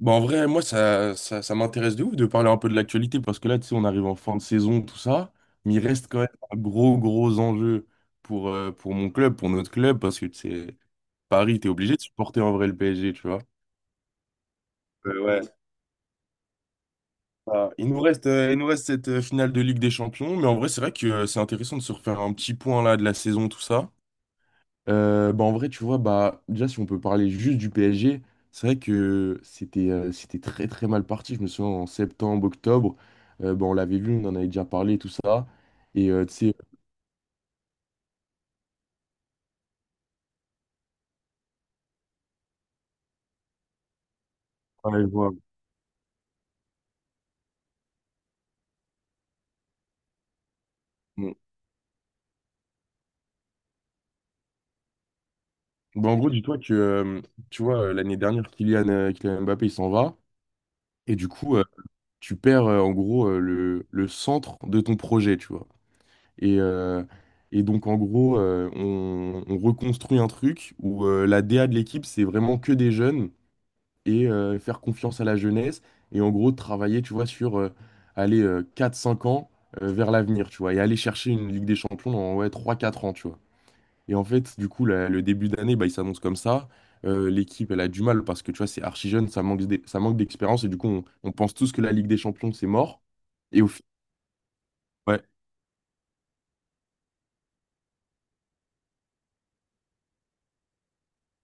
Bah en vrai, moi, ça m'intéresse de ouf de parler un peu de l'actualité parce que là, tu sais, on arrive en fin de saison, tout ça, mais il reste quand même un gros, gros enjeu pour mon club, pour notre club, parce que, tu sais, Paris, t'es obligé de supporter en vrai le PSG, tu vois. Ouais. Ah, il nous reste cette finale de Ligue des Champions, mais en vrai, c'est vrai que c'est intéressant de se refaire un petit point là de la saison, tout ça. Bah en vrai, tu vois, bah, déjà, si on peut parler juste du PSG, c'est vrai que c'était très très mal parti. Je me souviens en septembre, octobre, bah, on l'avait vu, on en avait déjà parlé, tout ça. Tu sais, ouais, je vois. Bon. Bah, en gros, dis-toi que tu vois, l'année dernière, Kylian Mbappé, il s'en va. Et du coup, tu perds en gros le centre de ton projet, tu vois. Et, euh, et donc, en gros, on reconstruit un truc où la DA de l'équipe, c'est vraiment que des jeunes. Et faire confiance à la jeunesse et en gros travailler, tu vois, sur aller 4-5 ans vers l'avenir, tu vois, et aller chercher une Ligue des Champions dans ouais, trois quatre ans, tu vois. Et en fait, du coup, le début d'année, bah, il s'annonce comme ça. L'équipe, elle a du mal parce que, tu vois, c'est archi jeune, ça manque d'expérience et du coup, on pense tous que la Ligue des Champions, c'est mort. Et au fi- ouais,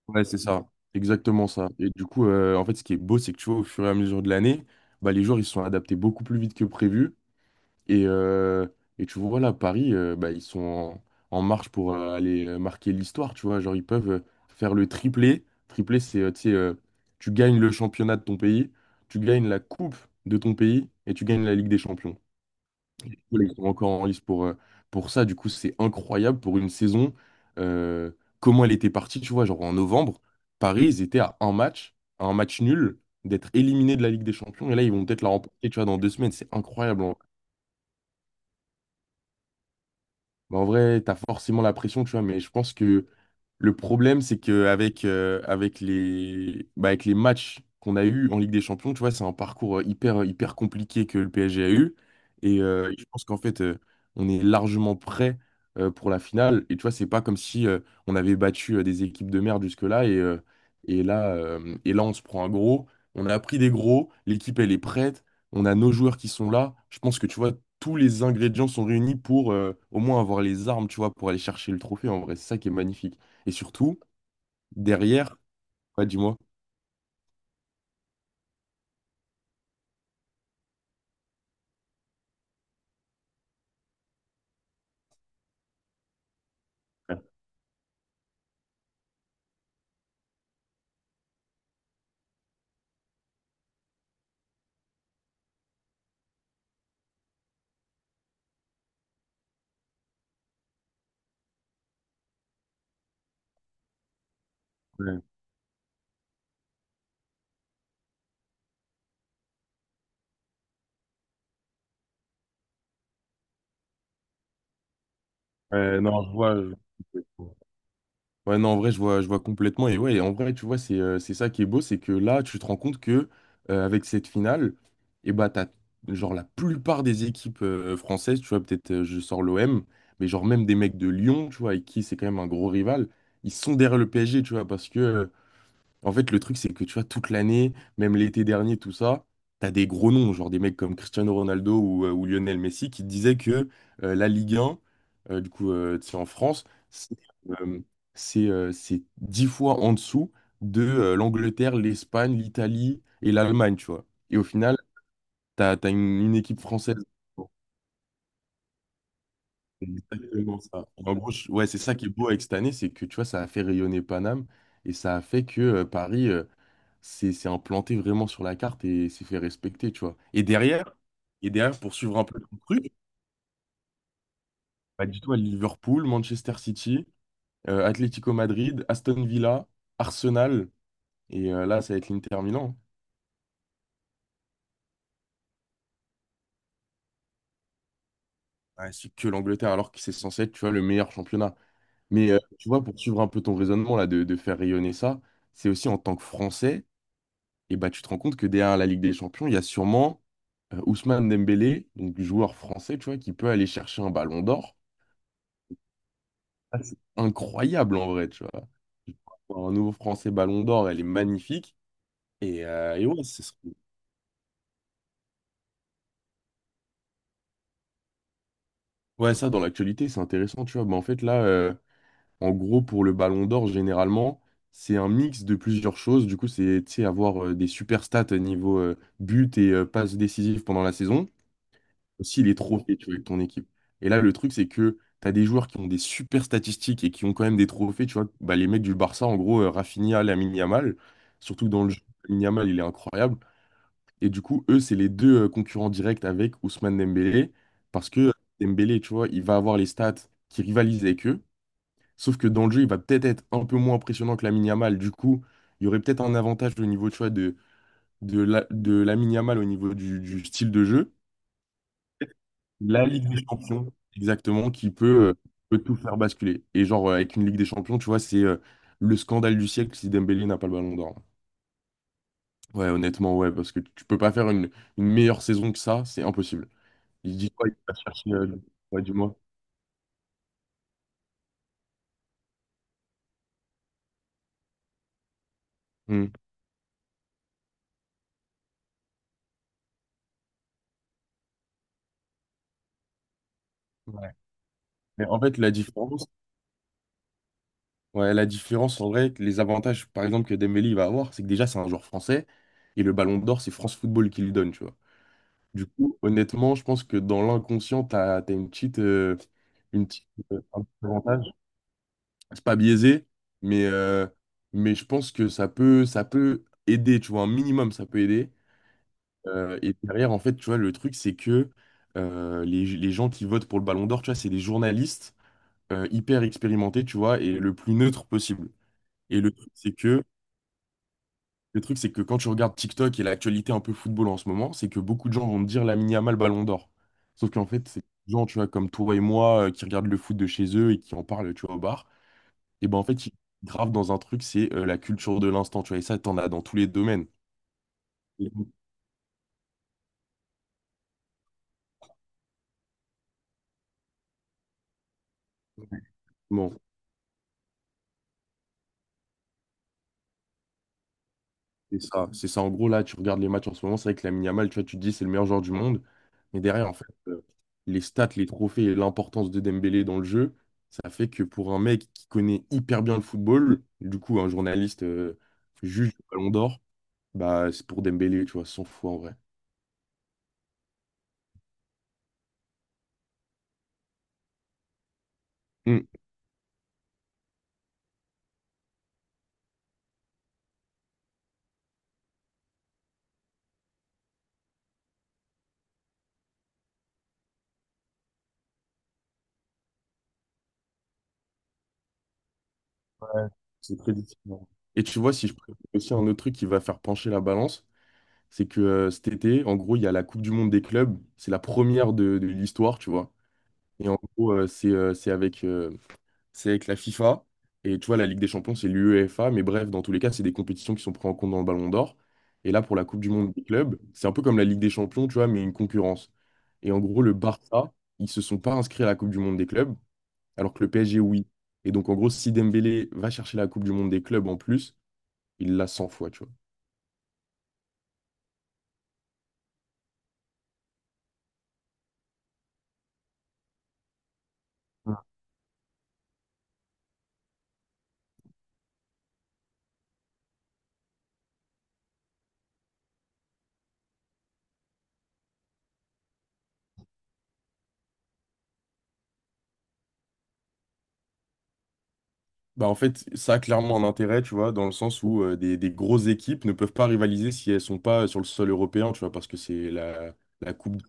ouais, c'est ça, exactement ça. Et du coup, en fait, ce qui est beau, c'est que tu vois, au fur et à mesure de l'année, bah, les joueurs, ils se sont adaptés beaucoup plus vite que prévu. Et, euh, et tu vois, là, Paris, bah, ils sont en marche pour aller marquer l'histoire, tu vois. Genre, ils peuvent faire le triplé. Triplé, c'est, tu sais, tu gagnes le championnat de ton pays, tu gagnes la coupe de ton pays et tu gagnes la Ligue des Champions. Voilà, ils sont encore en lice pour ça. Du coup, c'est incroyable pour une saison. euh, Comment elle était partie, tu vois, genre en novembre, Paris, ils étaient à un match nul, d'être éliminés de la Ligue des Champions. Et là, ils vont peut-être la remporter, tu vois, dans 2 semaines. C'est incroyable. Bah, en vrai, t'as forcément la pression, tu vois, mais je pense que le problème, c'est qu'avec avec avec les, bah, avec les matchs qu'on a eus en Ligue des Champions, tu vois, c'est un parcours hyper, hyper compliqué que le PSG a eu. Je pense qu'en fait, on est largement prêt pour la finale. Et tu vois, c'est pas comme si on avait battu des équipes de merde jusque-là. Et là, on se prend un gros. On a pris des gros. L'équipe, elle est prête. On a nos joueurs qui sont là. Je pense que, tu vois, tous les ingrédients sont réunis pour au moins avoir les armes, tu vois, pour aller chercher le trophée. En vrai, c'est ça qui est magnifique. Et surtout, derrière, ouais, dis-moi. Ouais. Ouais, non, je vois. Ouais, non, en vrai, je vois complètement. Et ouais, en vrai, tu vois, c'est ça qui est beau, c'est que là, tu te rends compte que avec cette finale, et bah, t'as, genre, la plupart des équipes françaises, tu vois, peut-être je sors l'OM, mais genre, même des mecs de Lyon, tu vois, avec qui c'est quand même un gros rival, ils sont derrière le PSG, tu vois, parce que en fait, le truc, c'est que tu vois, toute l'année, même l'été dernier, tout ça, t'as des gros noms, genre des mecs comme Cristiano Ronaldo ou Lionel Messi, qui disaient que la Ligue 1, du coup, tu sais, en France, euh, c'est 10 fois en dessous de l'Angleterre, l'Espagne, l'Italie et l'Allemagne, tu vois. Et au final, t'as une équipe française. Bon, c'est exactement ça. En gros, ouais, c'est ça qui est beau avec cette année, c'est que tu vois, ça a fait rayonner Paname et ça a fait que Paris c'est implanté vraiment sur la carte et s'est fait respecter, tu vois. Et derrière pour suivre un peu le truc, bah, dis-toi Liverpool, Manchester City, Atlético Madrid, Aston Villa, Arsenal, et là, ça va être l'Inter Milan. Hein. Ouais, c'est que l'Angleterre, alors que c'est censé être, tu vois, le meilleur championnat. Mais tu vois, pour suivre un peu ton raisonnement là, de faire rayonner ça, c'est aussi en tant que Français, et bah, tu te rends compte que derrière la Ligue des Champions, il y a sûrement Ousmane Dembélé, donc joueur français, tu vois, qui peut aller chercher un ballon d'or. Ah, c'est incroyable en vrai, tu vois. Un nouveau Français Ballon d'Or, elle est magnifique. Et ouais, ouais, ça, dans l'actualité, c'est intéressant, tu vois. Mais en fait, là, en gros, pour le Ballon d'Or, généralement, c'est un mix de plusieurs choses. Du coup, c'est, tu sais, avoir des super stats niveau but et passe décisive pendant la saison. S'il est trop fait, tu vois, avec ton équipe. Et là, le truc, c'est que tu as des joueurs qui ont des super statistiques et qui ont quand même des trophées, tu vois. Bah, les mecs du Barça, en gros, Rafinha, Lamine Yamal, surtout que dans le jeu, Lamine Yamal, il est incroyable. Et du coup, eux, c'est les deux concurrents directs avec Ousmane Dembélé, parce que Dembélé, tu vois, il va avoir les stats qui rivalisent avec eux, sauf que dans le jeu, il va peut-être être un peu moins impressionnant que Lamine Yamal. Du coup, il y aurait peut-être un avantage au niveau, tu vois, de Lamine Yamal au niveau du style de jeu. La Ligue des Champions, exactement, qui peut tout faire basculer. Et genre, avec une Ligue des Champions, tu vois, c'est le scandale du siècle si Dembélé n'a pas le ballon d'or. Ouais, honnêtement, ouais, parce que tu peux pas faire une meilleure saison que ça, c'est impossible. Il se dit quoi, il va chercher, ouais, du moins. Hmm. Ouais. Mais en fait, la différence, en vrai, que les avantages, par exemple, que Dembélé il va avoir, c'est que déjà, c'est un joueur français, et le ballon d'or, c'est France Football qui lui donne, tu vois. Du coup, honnêtement, je pense que dans l'inconscient, tu as, un petit avantage. C'est pas biaisé, mais, euh, mais je pense que ça peut aider, tu vois, un minimum, ça peut aider. Et derrière, en fait, tu vois, le truc, c'est que les gens qui votent pour le Ballon d'Or, tu vois, c'est des journalistes hyper expérimentés, tu vois, et le plus neutre possible. Et le truc, c'est que Le truc, c'est que quand tu regardes TikTok et l'actualité un peu football en ce moment, c'est que beaucoup de gens vont te dire Lamine Yamal Ballon d'Or. Sauf qu'en fait, c'est des gens, tu vois, comme toi et moi, qui regardent le foot de chez eux et qui en parlent, tu vois, au bar. Et ben en fait, ils gravent dans un truc, c'est la culture de l'instant, tu vois. Et ça, t'en as dans tous les domaines. Exactement. C'est ça, c'est ça. En gros, là, tu regardes les matchs en ce moment, c'est vrai que Lamine Yamal, tu vois, tu te dis c'est le meilleur joueur du monde. Mais derrière, en fait, les stats, les trophées et l'importance de Dembélé dans le jeu, ça fait que pour un mec qui connaît hyper bien le football, du coup, un journaliste juge le Ballon d'Or, bah, c'est pour Dembélé, tu vois, 100 fois en vrai. Mm. Ouais, c'est très différent. Et tu vois, si je prends aussi un autre truc qui va faire pencher la balance, c'est que cet été, en gros, il y a la Coupe du Monde des clubs. C'est la première de l'histoire, tu vois. Et en gros, c'est avec la FIFA. Et tu vois, la Ligue des Champions, c'est l'UEFA. Mais bref, dans tous les cas, c'est des compétitions qui sont prises en compte dans le Ballon d'Or. Et là, pour la Coupe du Monde des clubs, c'est un peu comme la Ligue des Champions, tu vois, mais une concurrence. Et en gros, le Barça, ils se sont pas inscrits à la Coupe du Monde des clubs, alors que le PSG, oui. Et donc, en gros, si Dembélé va chercher la Coupe du Monde des clubs en plus, il l'a 100 fois, tu vois. Bah, en fait, ça a clairement un intérêt, tu vois, dans le sens où des grosses équipes ne peuvent pas rivaliser si elles sont pas sur le sol européen, tu vois, parce que c'est la Coupe.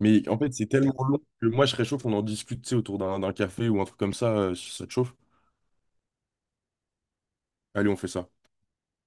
Mais en fait, c'est tellement long que moi, je serais chaud qu'on en discute, tu sais, autour d'un café ou un truc comme ça, si ça te chauffe. Allez, on fait ça.